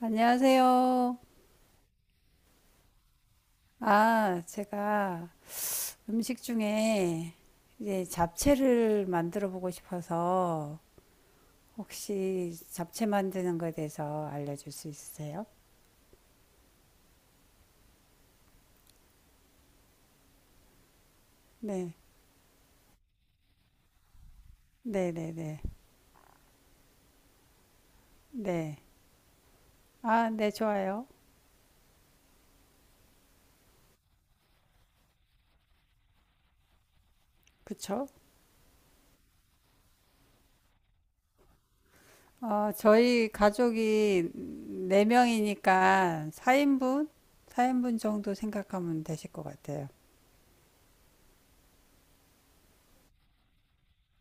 안녕하세요. 아, 제가 음식 중에 이제 잡채를 만들어 보고 싶어서 혹시 잡채 만드는 거에 대해서 알려줄 수 있으세요? 네, 네, 네, 네, 네. 아, 네, 좋아요. 그쵸? 저희 가족이 4명이니까 4인분? 4인분 정도 생각하면 되실 것 같아요.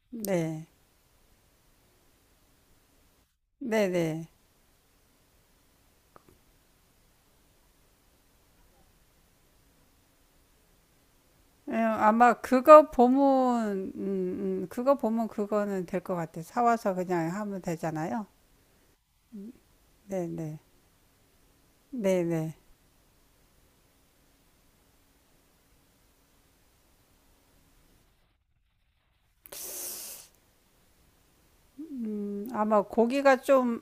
네, 네, 네. 예, 아마 그거 보면, 그거 보면 그거는 될 것 같아요. 사와서 그냥 하면 되잖아요. 네네. 네네. 아마 고기가 좀,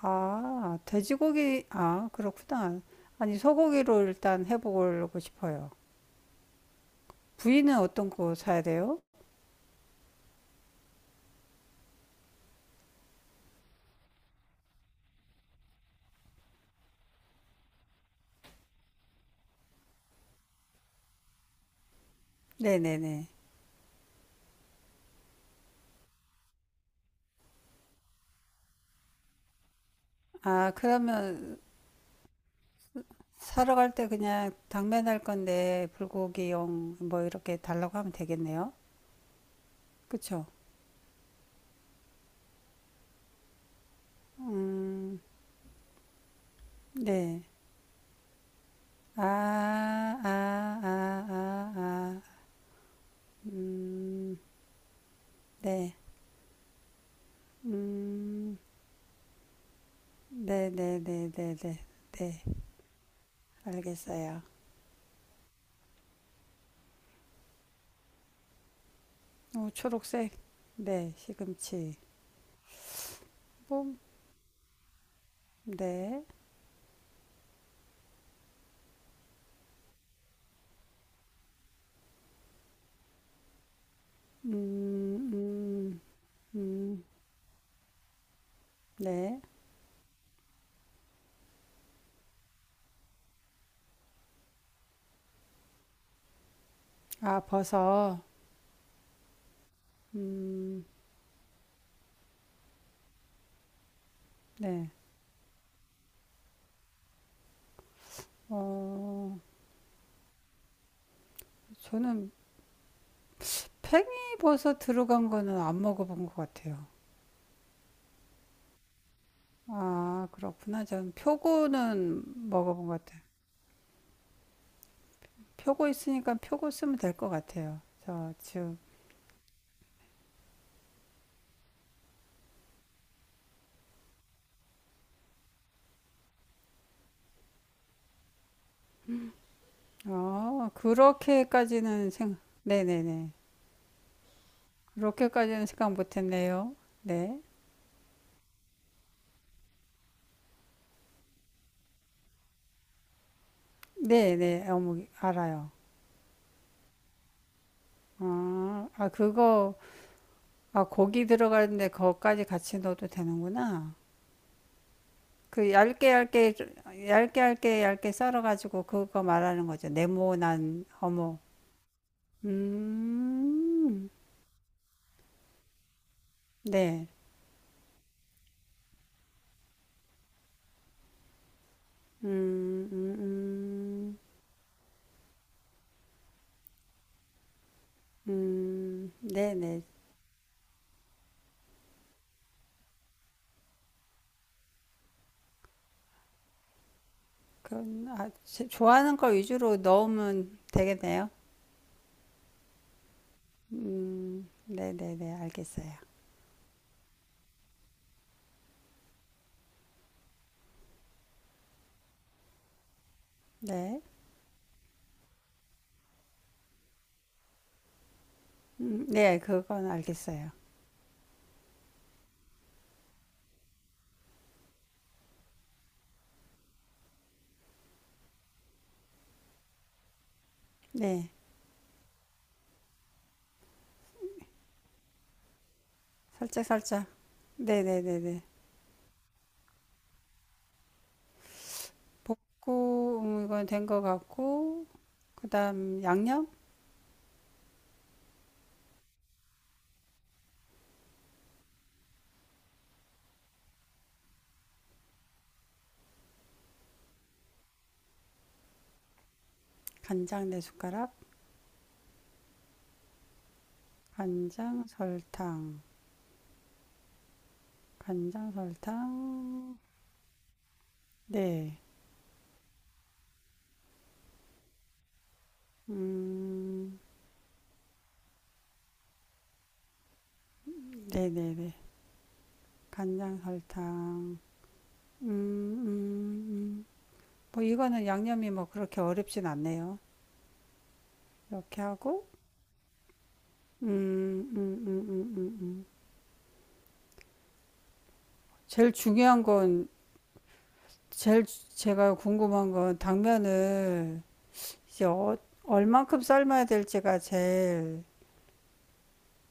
아, 돼지고기, 아, 그렇구나. 아니, 소고기로 일단 해보고 싶어요. 부위는 어떤 거 사야 돼요? 네네네. 아, 그러면 사러 갈 때 그냥 당면할 건데, 불고기용 뭐 이렇게 달라고 하면 되겠네요. 그쵸? 음, 네. 아, 아, 아, 아, 아. 음, 네. 음, 네, 네, 네, 네, 네. 네. 알겠어요. 어, 초록색. 네, 시금치. 뽕. 네. 음, 음, 음, 네. 아, 버섯. 음, 네. 어, 저는 팽이버섯 들어간 거는 안 먹어본 것 같아요. 아, 그렇구나. 전 표고는 먹어본 것 같아요. 표고 있으니까 표고 쓰면 될 것 같아요. 저 지금 어 그렇게까지는 생각 네네네 그렇게까지는 생각 못했네요. 네 네네 어묵 알아요. 아, 아 그거 아 고기 들어가는데 그거까지 같이 넣어도 되는구나. 그 얇게 얇게 얇게 얇게 얇게 썰어가지고 그거 말하는 거죠. 네모난 어묵. 음, 네. 음, 음, 음, 네네. 그런 아, 좋아하는 걸 위주로 넣으면 되겠네요. 네네네, 알겠어요. 네, 네, 그건 알겠어요. 네, 살짝 살짝. 네네네네. 볶고 이건 된 것 같고, 그다음 양념, 간장 4 숟가락, 간장 설탕, 간장 설탕. 네, 음, 네네네. 간장 설탕. 음, 음, 음. 뭐 이거는 양념이 뭐 그렇게 어렵진 않네요. 이렇게 하고, 음. 제일 중요한 건, 제일 제가 궁금한 건 당면을 이제 얼만큼 삶아야 될지가 제일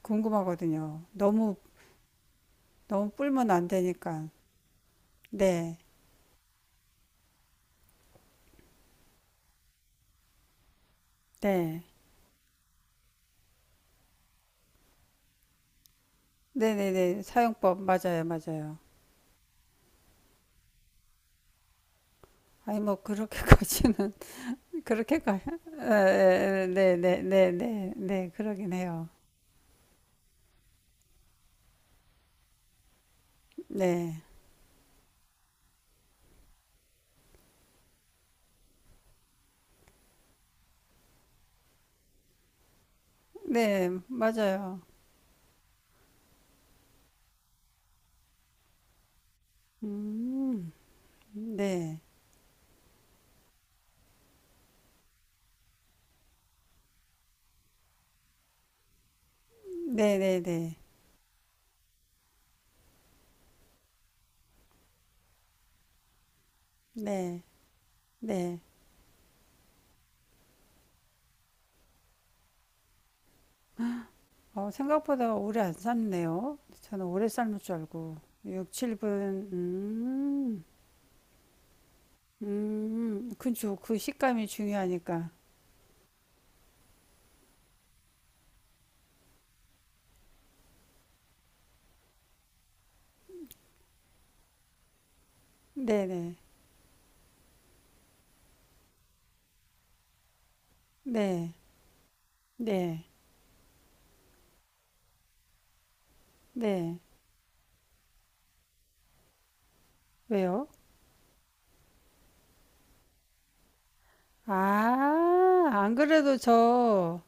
궁금하거든요. 너무, 너무 불면 안 되니까. 네, 네. 네 네 네. 사용법, 맞아요, 맞아요. 아니, 뭐, 그렇게까지는, 그렇게까지, 네네 네 네 네, 그러긴 해요. 네. 네, 맞아요. 음, 네. 네네네. 네, 네. 네, 네. 생각보다 오래 안 삶네요. 저는 오래 삶을 줄 알고. 6, 7분, 음, 그죠. 그 식감이 중요하니까. 네네. 네, 네, 네. 네. 왜요? 아, 안 그래도 저,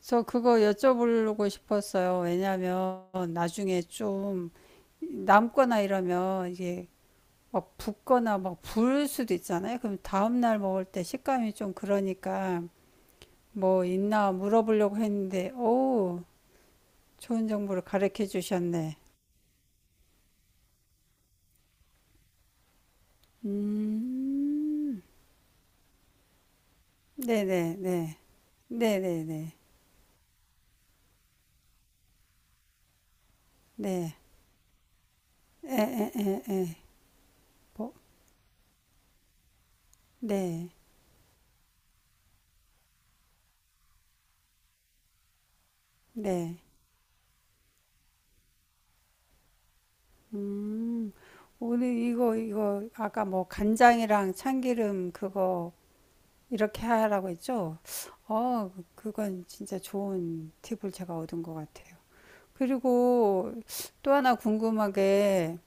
저 그거 여쭤보려고 싶었어요. 왜냐면 나중에 좀 남거나 이러면 이게 막 붓거나 막 부을 수도 있잖아요. 그럼 다음 날 먹을 때 식감이 좀 그러니까 뭐 있나 물어보려고 했는데 오 좋은 정보를 가르쳐 주셨네. 음, 네네네, 네네네, 네, 네. 뭐, 네, 네, 음, 오늘 이거 이거 아까 뭐 간장이랑 참기름 그거 이렇게 하라고 했죠? 그건 진짜 좋은 팁을 제가 얻은 것 같아요. 그리고 또 하나 궁금하게,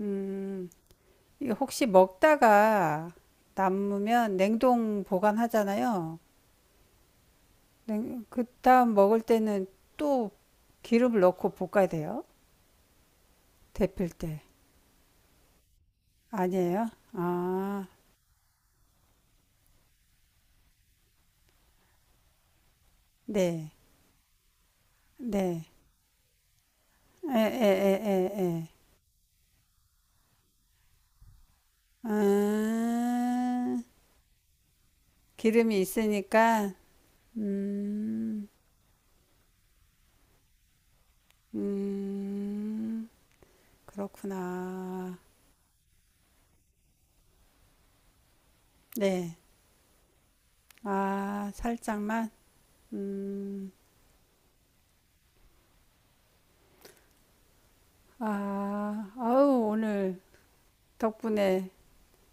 음, 이거 혹시 먹다가 남으면 냉동 보관하잖아요. 냉, 그다음 먹을 때는 또 기름을 넣고 볶아야 돼요. 데필 때. 아니에요? 아, 네, 네. 에, 에, 에, 에, 에. 아, 기름이 있으니까, 음, 음, 그렇구나. 네. 아, 살짝만? 음, 아, 아우, 오늘 덕분에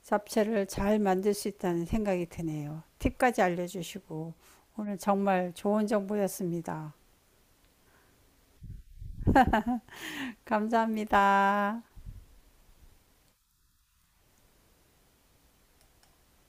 잡채를 잘 만들 수 있다는 생각이 드네요. 팁까지 알려주시고, 오늘 정말 좋은 정보였습니다. 감사합니다.